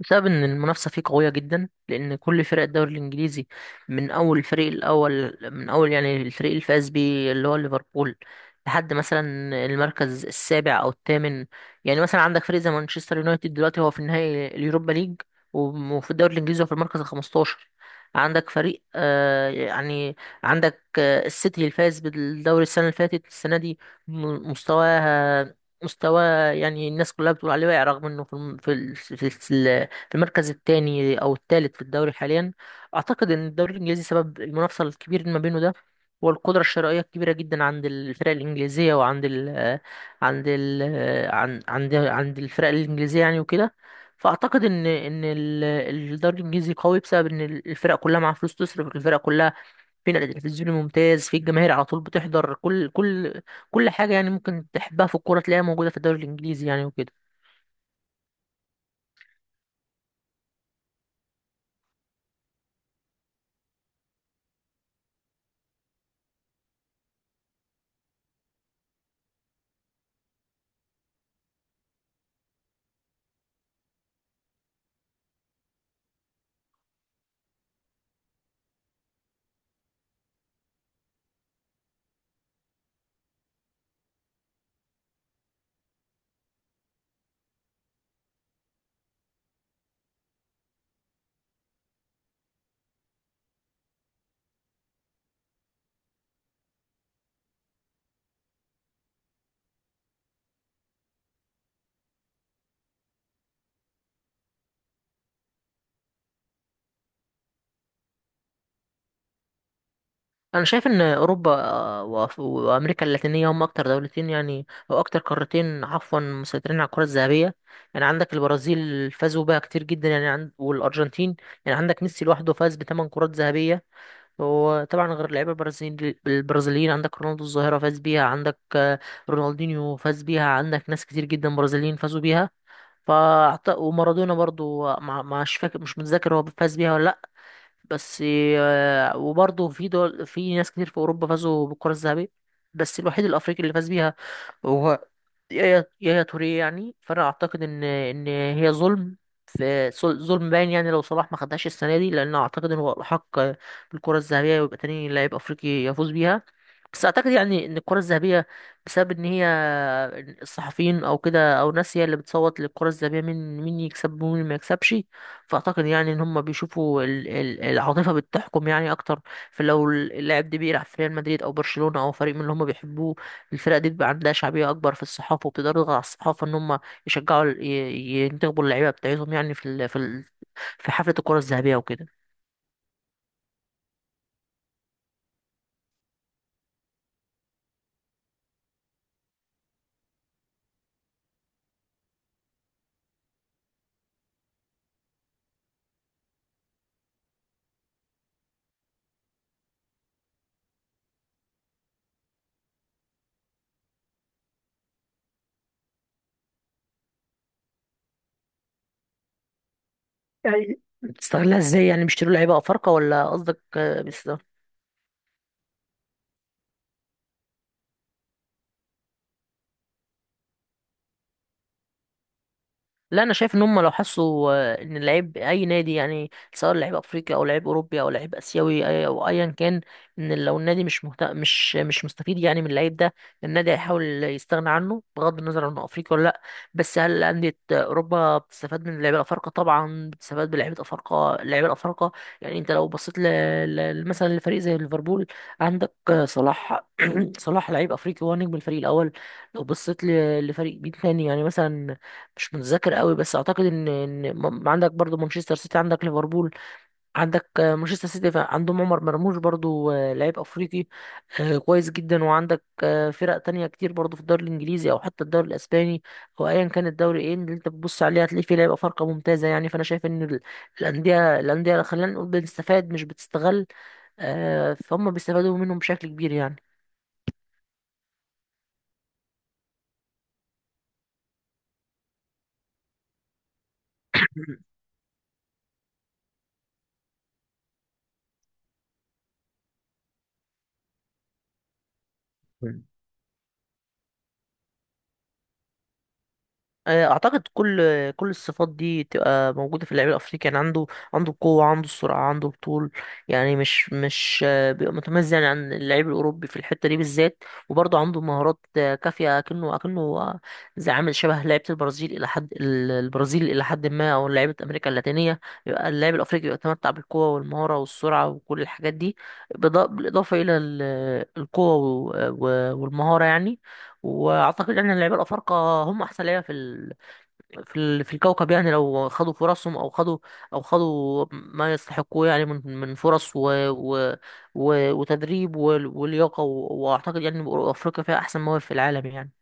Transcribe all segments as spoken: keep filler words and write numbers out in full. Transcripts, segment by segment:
بسبب ان المنافسه فيه قويه جدا لان كل فرق الدوري الانجليزي من اول الفريق الاول من اول يعني الفريق اللي فاز بيه اللي هو ليفربول لحد مثلا المركز السابع او الثامن. يعني مثلا عندك فريق زي مانشستر يونايتد دلوقتي هو في النهائي اليوروبا ليج، وم- وفي الدوري الانجليزي هو في المركز ال الخامس عشر. عندك فريق آه يعني عندك آه السيتي اللي فاز بالدوري السنه اللي فاتت السنه دي م- مستواها مستوى، يعني الناس كلها بتقول عليه واقع رغم انه في الم- في ال- في ال- في المركز الثاني او الثالث في الدوري حاليا. اعتقد ان الدوري الانجليزي سبب المنافسه الكبير ما بينه ده هو القدره الشرائيه الكبيره جدا عند الفرق الانجليزيه وعند ال عند ال عن- عند عند الفرق الانجليزيه يعني وكده. فاعتقد ان ان ال- الدوري الانجليزي قوي بسبب ان الفرق كلها معاها فلوس تصرف، الفرق كلها في نقل تلفزيوني ممتاز، في الجماهير على طول بتحضر، كل كل كل حاجه يعني ممكن تحبها في الكوره تلاقيها موجوده في الدوري الانجليزي يعني وكده. انا شايف ان اوروبا وأف- وامريكا اللاتينيه هم اكتر دولتين يعني او اكتر قارتين عفوا مسيطرين على الكره الذهبيه. يعني عندك البرازيل فازوا بها كتير جدا، يعني عند والارجنتين، يعني عندك ميسي لوحده فاز بثمان كرات ذهبيه. وطبعا غير اللعيبه البرازيل البرازيليين، عندك رونالدو الظاهره فاز بيها، عندك آه، رونالدينيو فاز بيها، عندك ناس كتير جدا برازيليين فازوا بيها. فأعت- ومارادونا برضو آه، مع- مش فاكر مش متذكر هو فاز بيها ولا بس. آه، وبرضه في دول في ناس كتير في اوروبا فازوا بالكره الذهبيه. بس الوحيد الافريقي اللي فاز بيها هو يا يا توريه، يعني فانا اعتقد ان ان هي ظلم، في ظل- ظلم باين، يعني لو صلاح ما خدهاش السنه دي، لان اعتقد ان هو الحق بالكره الذهبيه ويبقى تاني لاعب افريقي يفوز بيها. بس اعتقد يعني ان الكرة الذهبية بسبب ان هي الصحفيين او كده او ناس، هي اللي بتصوت للكرة الذهبية مين مين يكسب ومين ما يكسبش. فاعتقد يعني ان هم بيشوفوا ال- ال- العاطفة بتحكم يعني اكتر. فلو اللاعب ده بيلعب في ريال مدريد او برشلونة او فريق من اللي هم بيحبوه، الفرقة دي بيبقى عندها شعبية اكبر في الصحافة، وبتقدر تضغط على الصحافة ان هم يشجعوا ال- ي- ينتخبوا اللعيبة بتاعتهم يعني في ال- في ال- في حفلة الكرة الذهبية وكده. يعني بتستغلها ازاي؟ يعني بيشتروا لعيبة افارقة ولا قصدك آه، بس؟ لا، انا شايف ان هم لو حسوا آه، ان اللعيب اي نادي يعني سواء لعيب افريقي او لعيب اوروبي او لعيب اسيوي أي- او ايا كان، ان لو النادي مش مهت... مش مش مستفيد يعني من اللعيب ده، النادي هيحاول يستغنى عنه بغض النظر عن انه افريقي ولا لا. بس هل انديه اوروبا بتستفاد من اللعيبه الافارقه؟ طبعا بتستفاد بلعيبه افارقه، اللعيبه الافارقه يعني. انت لو بصيت ل... ل... مثلا لفريق زي ليفربول، عندك آه، صلاح، صلاح لعيب افريقي هو نجم الفريق الاول. لو بصيت ل... لفريق بيه تاني يعني مثلا، مش متذكر قوي، بس اعتقد ان ان م- عندك برضو مانشستر سيتي، عندك ليفربول، عندك آه، مانشستر سيتي، ف- عندهم عمر مرموش برضو آه، لعيب افريقي آه، كويس جدا. وعندك آه، فرق تانية كتير برضو في الدوري الانجليزي او حتى الدوري الاسباني او ايا كان الدوري ايه اللي انت بتبص عليه، هتلاقي فيه لعيبه فرقه ممتازه يعني. فانا شايف ان ال- الانديه الانديه خلينا نقول بتستفاد مش بتستغل، آه، فهم بيستفادوا منهم بشكل كبير يعني. آه، اعتقد كل كل الصفات دي تبقى موجوده في اللعيب الافريقي، يعني عنده، عنده القوه، عنده السرعه، عنده الطول، يعني مش مش آه، بيبقى متميز يعني عن اللعيب الاوروبي في الحته دي بالذات. وبرضه عنده مهارات آه، كافيه اكنه اكنه آه، زي عامل شبه لعيبه البرازيل الى حد ال- البرازيل الى حد ما او لعيبه امريكا اللاتينيه. يبقى اللاعب الافريقي بيتمتع بالقوه والمهاره والسرعه وكل الحاجات دي، بالإضا- بالاضافه الى ال- القوه و- و- والمهاره يعني. واعتقد ان اللعيبه الافارقه هم احسن لعيبه في في ال- في الكوكب، يعني لو خدوا فرصهم او خدوا او خدوا ما يستحقوه يعني من من فرص و و و وتدريب وال- ولياقة، و- واعتقد يعني افريقيا فيها احسن مواهب في العالم يعني.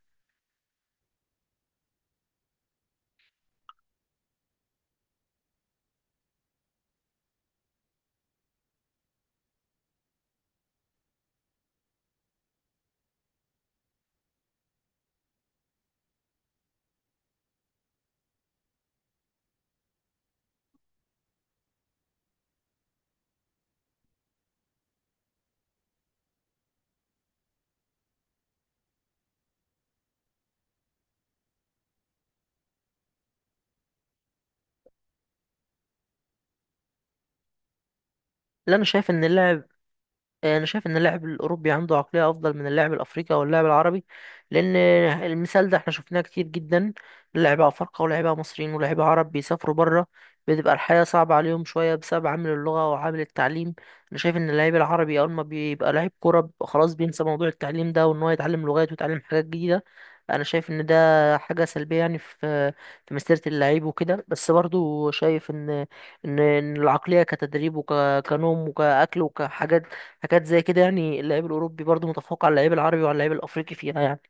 لا انا شايف ان اللاعب انا شايف ان اللاعب الاوروبي عنده عقليه افضل من اللاعب الافريقي او اللاعب العربي، لان المثال ده احنا شفناه كتير جدا، لعيبه افارقه ولاعيبه مصريين ولاعيبه عرب بيسافروا بره، بتبقى الحياه صعبه عليهم شويه بسبب عامل اللغه وعامل التعليم. انا شايف ان اللاعب العربي اول ما بيبقى لاعب كوره بيبقى خلاص بينسى موضوع التعليم ده وان هو يتعلم لغات ويتعلم حاجات جديده. انا شايف ان ده حاجه سلبيه يعني في في مسيره اللعيب وكده، بس برضو شايف ان ان إن العقليه كتدريب وكنوم وكاكل وكحاجات حاجات زي كده يعني، اللعيب الأوروبي برضه متفوق على اللعيب العربي وعلى اللعيب الأفريقي فيها يعني.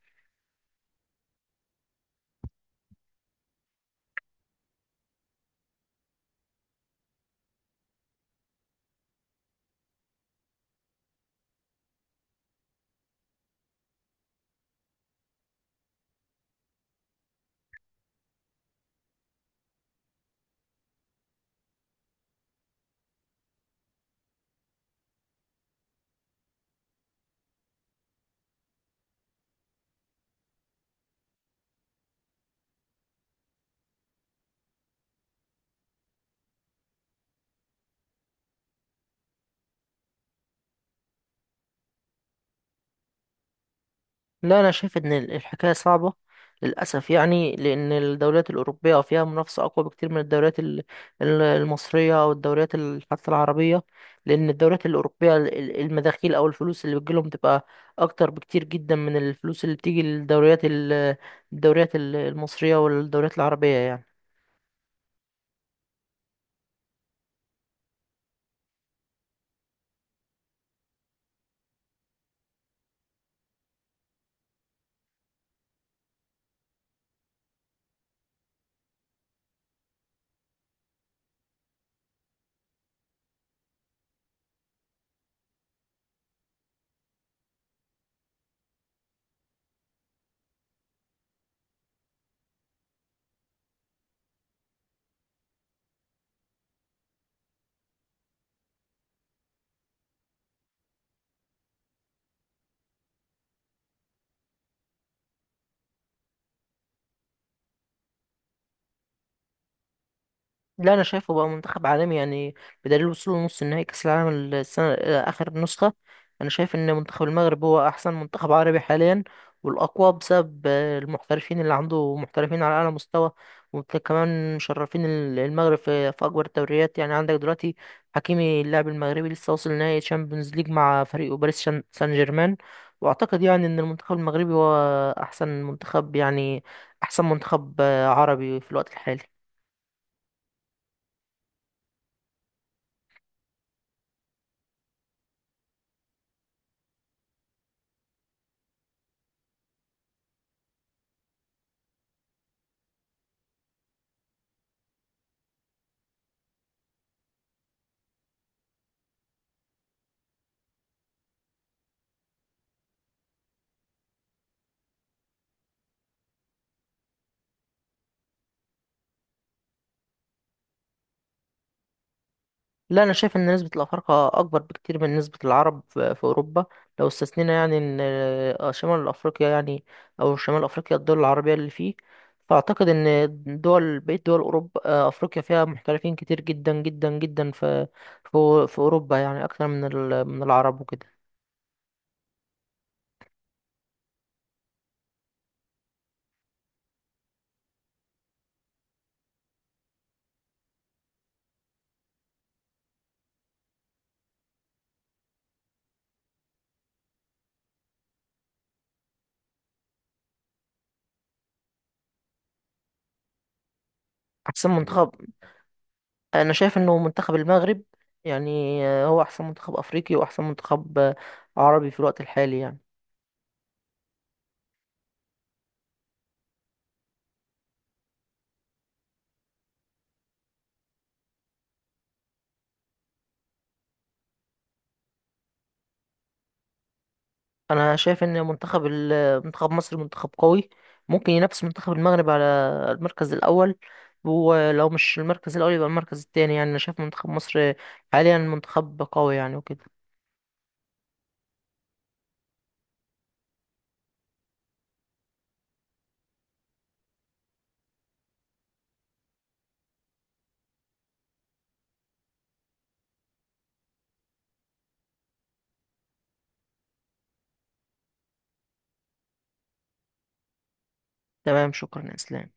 لا، أنا شايف إن ال- الحكاية صعبة للأسف، يعني لأن الدوريات الأوروبية فيها منافسة أقوى بكتير من الدوريات ال- ال- المصرية أو الدوريات ال- حتى العربية. لأن الدوريات الأوروبية ال- ال- المداخيل أو الفلوس اللي بتجيلهم بتبقى أكتر بكتير جدا من الفلوس اللي بتيجي للدوريات ال- الدوريات ال- المصرية والدوريات العربية يعني. لا، انا شايفه بقى منتخب عالمي يعني، بدليل وصوله نص نهائي كاس العالم السنه آه، اخر نسخه. انا شايف ان منتخب المغرب هو احسن منتخب عربي حاليا والاقوى بسبب آه، المحترفين اللي عنده، محترفين على اعلى مستوى وكمان مشرفين ال- المغرب في في اكبر الدوريات. يعني عندك دلوقتي حكيمي اللاعب المغربي لسه واصل نهائي تشامبيونز ليج مع فريقه باريس شان- سان جيرمان. واعتقد يعني ان المنتخب المغربي هو احسن منتخب يعني، احسن منتخب آه، عربي في الوقت الحالي. لا، انا شايف ان نسبة الافارقة اكبر بكتير من نسبة العرب ف- في اوروبا، لو استثنينا يعني ان آه، شمال افريقيا يعني، او شمال افريقيا الدول العربية اللي فيه. فاعتقد ان دول بقية دول اوروبا، آه، افريقيا فيها محترفين كتير جدا جدا جدا في في في اوروبا يعني اكتر من ال- من العرب وكده. احسن مم. منتخب، انا شايف انه منتخب المغرب، يعني آه، هو احسن منتخب افريقي واحسن منتخب آه، عربي في الوقت الحالي يعني. انا شايف ان منتخب ال- منتخب مصر منتخب قوي، ممكن ينافس منتخب المغرب على المركز الاول، ولو مش المركز الاول يبقى المركز التاني يعني. انا شايف منتخب مصر حاليا منتخب قوي يعني وكده. تمام، شكرا يا اسلام.